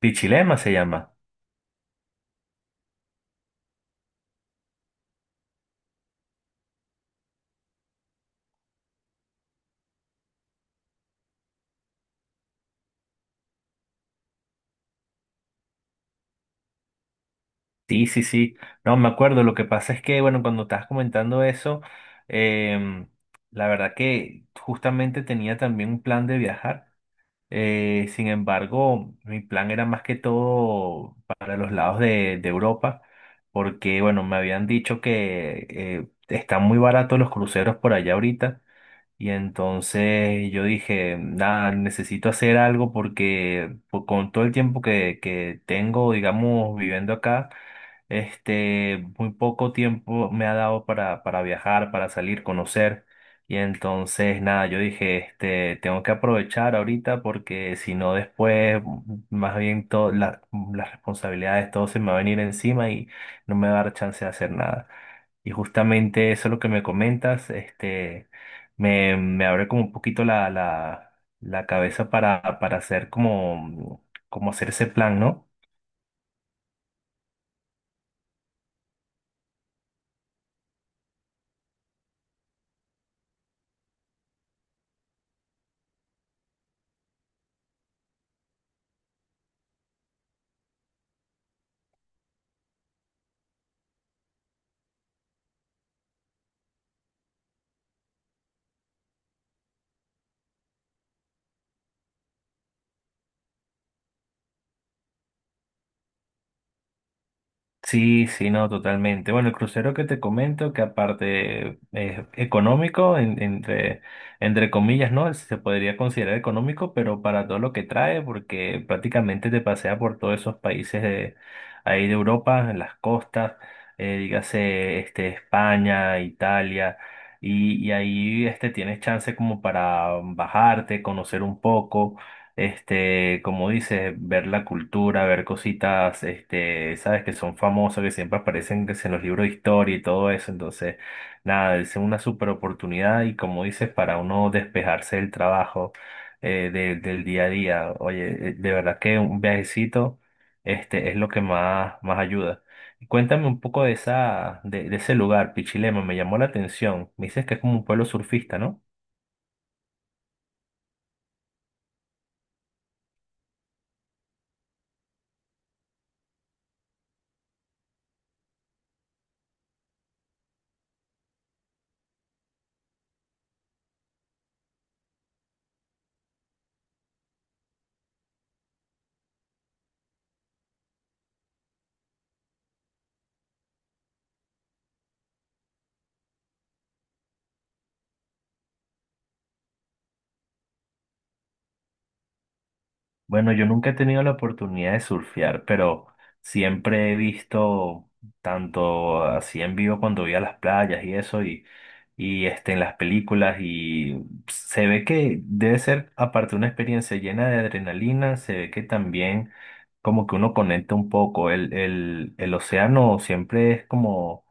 Pichilema se llama. Sí, sí, sí. No, me acuerdo. Lo que pasa es que, bueno, cuando estabas comentando eso, em, la verdad que justamente tenía también un plan de viajar. Sin embargo, mi plan era más que todo para los lados de Europa, porque, bueno, me habían dicho que están muy baratos los cruceros por allá ahorita. Y entonces yo dije, nada, necesito hacer algo porque con todo el tiempo que tengo, digamos, viviendo acá, este, muy poco tiempo me ha dado para viajar, para salir, conocer. Y entonces, nada, yo dije, este, tengo que aprovechar ahorita porque si no después, más bien todas las responsabilidades, todo se me va a venir encima y no me va a dar chance de hacer nada. Y justamente eso es lo que me comentas, este, me abre como un poquito la cabeza para hacer como, como hacer ese plan, ¿no? Sí, sí, no, totalmente. Bueno, el crucero que te comento, que aparte es económico, entre, entre comillas, ¿no? Se podría considerar económico, pero para todo lo que trae, porque prácticamente te pasea por todos esos países de ahí de Europa, en las costas, dígase este, España, Italia, y ahí este, tienes chance como para bajarte, conocer un poco. Este, como dices, ver la cultura, ver cositas, este, sabes que son famosas, que siempre aparecen que si en los libros de historia y todo eso. Entonces, nada, es una super oportunidad y como dices, para uno despejarse del trabajo, del día a día. Oye, de verdad que un viajecito, este, es lo que más, más ayuda. Cuéntame un poco de esa, de ese lugar, Pichilemu, me llamó la atención. Me dices que es como un pueblo surfista, ¿no? Bueno, yo nunca he tenido la oportunidad de surfear, pero siempre he visto tanto así en vivo cuando voy a las playas y eso, y este, en las películas, y se ve que debe ser, aparte, una experiencia llena de adrenalina, se ve que también como que uno conecta un poco. El océano siempre es como,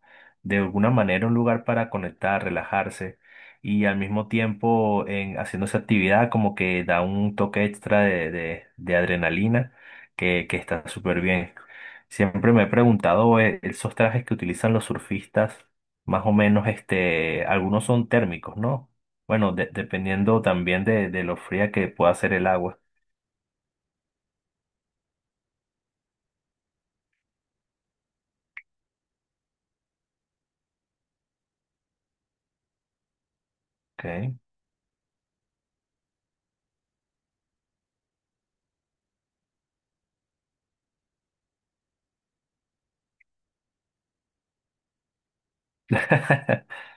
de alguna manera, un lugar para conectar, relajarse y al mismo tiempo en, haciendo esa actividad como que da un toque extra de adrenalina que está súper bien. Siempre me he preguntado, esos trajes que utilizan los surfistas, más o menos, este, algunos son térmicos, ¿no? Bueno, dependiendo también de lo fría que pueda ser el agua. ¿Ok?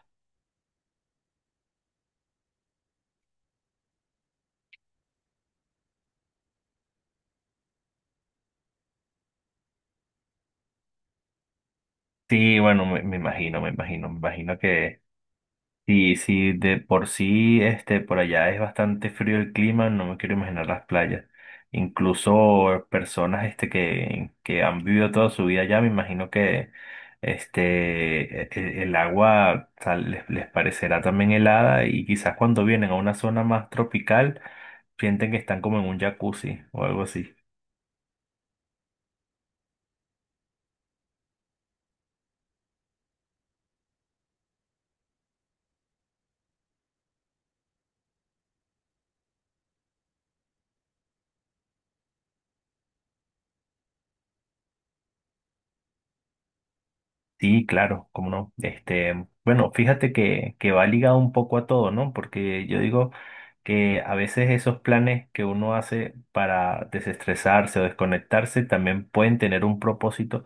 Sí, bueno, me imagino que sí, sí, de por sí, este, por allá es bastante frío el clima, no me quiero imaginar las playas. Incluso personas, este, que han vivido toda su vida allá, me imagino que, este, el agua tal, les parecerá también helada y quizás cuando vienen a una zona más tropical, sienten que están como en un jacuzzi o algo así. Sí, claro, cómo no. Este, bueno, fíjate que va ligado un poco a todo, ¿no? Porque yo digo que a veces esos planes que uno hace para desestresarse o desconectarse también pueden tener un propósito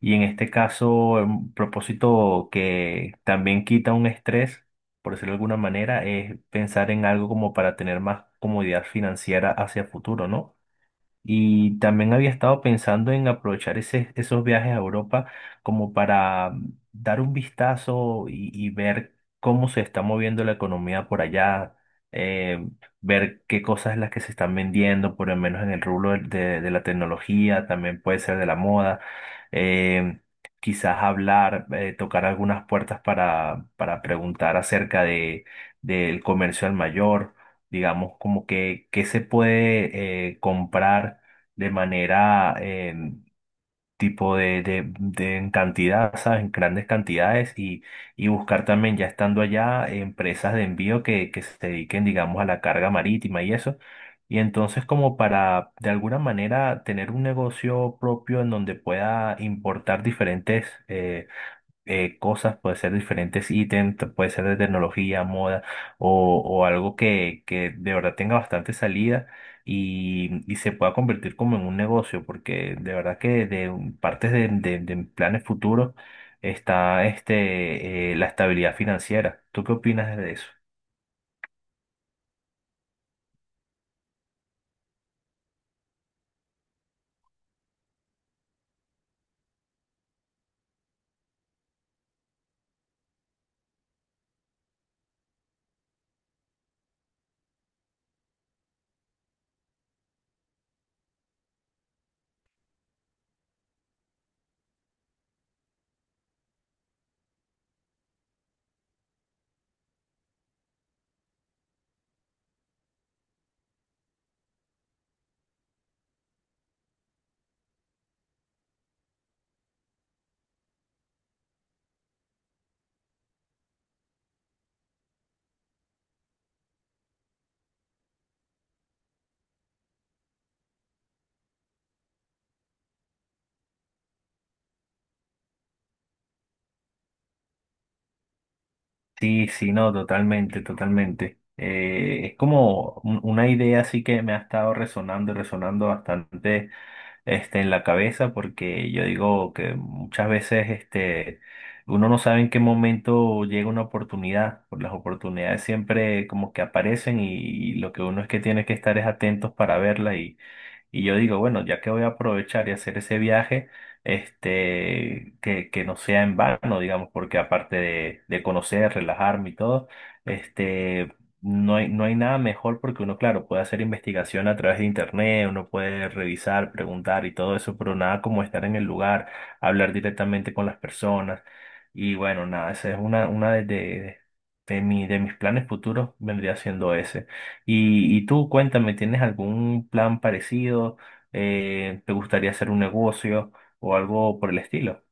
y en este caso un propósito que también quita un estrés, por decirlo de alguna manera, es pensar en algo como para tener más comodidad financiera hacia futuro, ¿no? Y también había estado pensando en aprovechar esos viajes a Europa como para dar un vistazo y ver cómo se está moviendo la economía por allá, eh, ver qué cosas es las que se están vendiendo, por lo menos en el rubro de la tecnología, también puede ser de la moda, eh, quizás hablar, tocar algunas puertas para preguntar acerca de, del comercio al mayor digamos, como que se puede comprar de manera tipo de en cantidad, ¿sabes? En grandes cantidades y buscar también, ya estando allá, empresas de envío que se dediquen, digamos, a la carga marítima y eso. Y entonces como para, de alguna manera, tener un negocio propio en donde pueda importar diferentes... cosas, puede ser diferentes ítems, puede ser de tecnología, moda o algo que de verdad tenga bastante salida y se pueda convertir como en un negocio, porque de verdad que partes de, de planes futuros está este, la estabilidad financiera. ¿Tú qué opinas de eso? Sí, sí, no, totalmente, totalmente. Es como una idea así que me ha estado resonando y resonando bastante este, en la cabeza porque yo digo que muchas veces este, uno no sabe en qué momento llega una oportunidad, por las oportunidades siempre como que aparecen y lo que uno es que tiene que estar es atentos para verla y yo digo, bueno, ya que voy a aprovechar y hacer ese viaje, este, que no sea en vano, digamos, porque aparte de conocer, relajarme y todo, este, no hay nada mejor porque uno, claro, puede hacer investigación a través de internet, uno puede revisar, preguntar y todo eso, pero nada como estar en el lugar, hablar directamente con las personas. Y bueno, nada, esa es una de de mis planes futuros, vendría siendo ese. Y tú cuéntame, ¿tienes algún plan parecido? ¿Te gustaría hacer un negocio o algo por el estilo?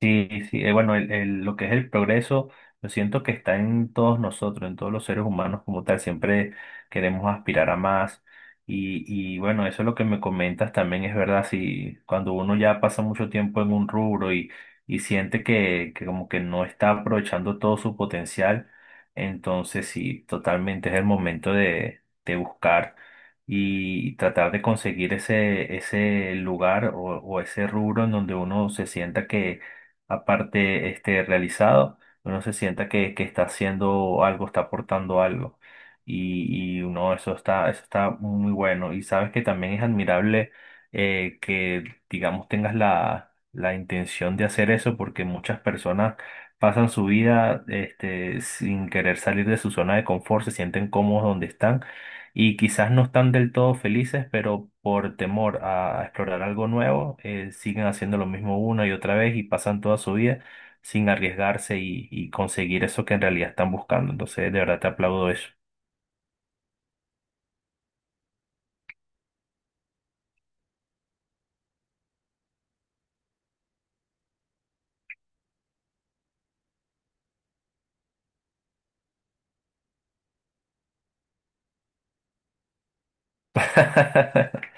Sí, sí, bueno, lo que es el progreso, yo siento que está en todos nosotros, en todos los seres humanos como tal, siempre queremos aspirar a más. Y bueno, eso es lo que me comentas también es verdad, si cuando uno ya pasa mucho tiempo en un rubro y siente que como que no está aprovechando todo su potencial, entonces sí, totalmente es el momento de buscar y tratar de conseguir ese, ese lugar o ese rubro en donde uno se sienta que aparte este, realizado, uno se sienta que está haciendo algo, está aportando algo. Y uno, eso está muy bueno. Y sabes que también es admirable que, digamos, tengas la intención de hacer eso, porque muchas personas pasan su vida este, sin querer salir de su zona de confort, se sienten cómodos donde están y quizás no están del todo felices, pero por temor a explorar algo nuevo, siguen haciendo lo mismo una y otra vez y pasan toda su vida sin arriesgarse y conseguir eso que en realidad están buscando. Entonces, de verdad te aplaudo eso.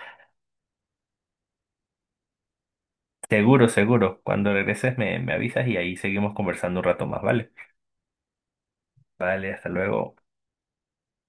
Seguro, seguro. Cuando regreses me avisas y ahí seguimos conversando un rato más, ¿vale? Vale, hasta luego.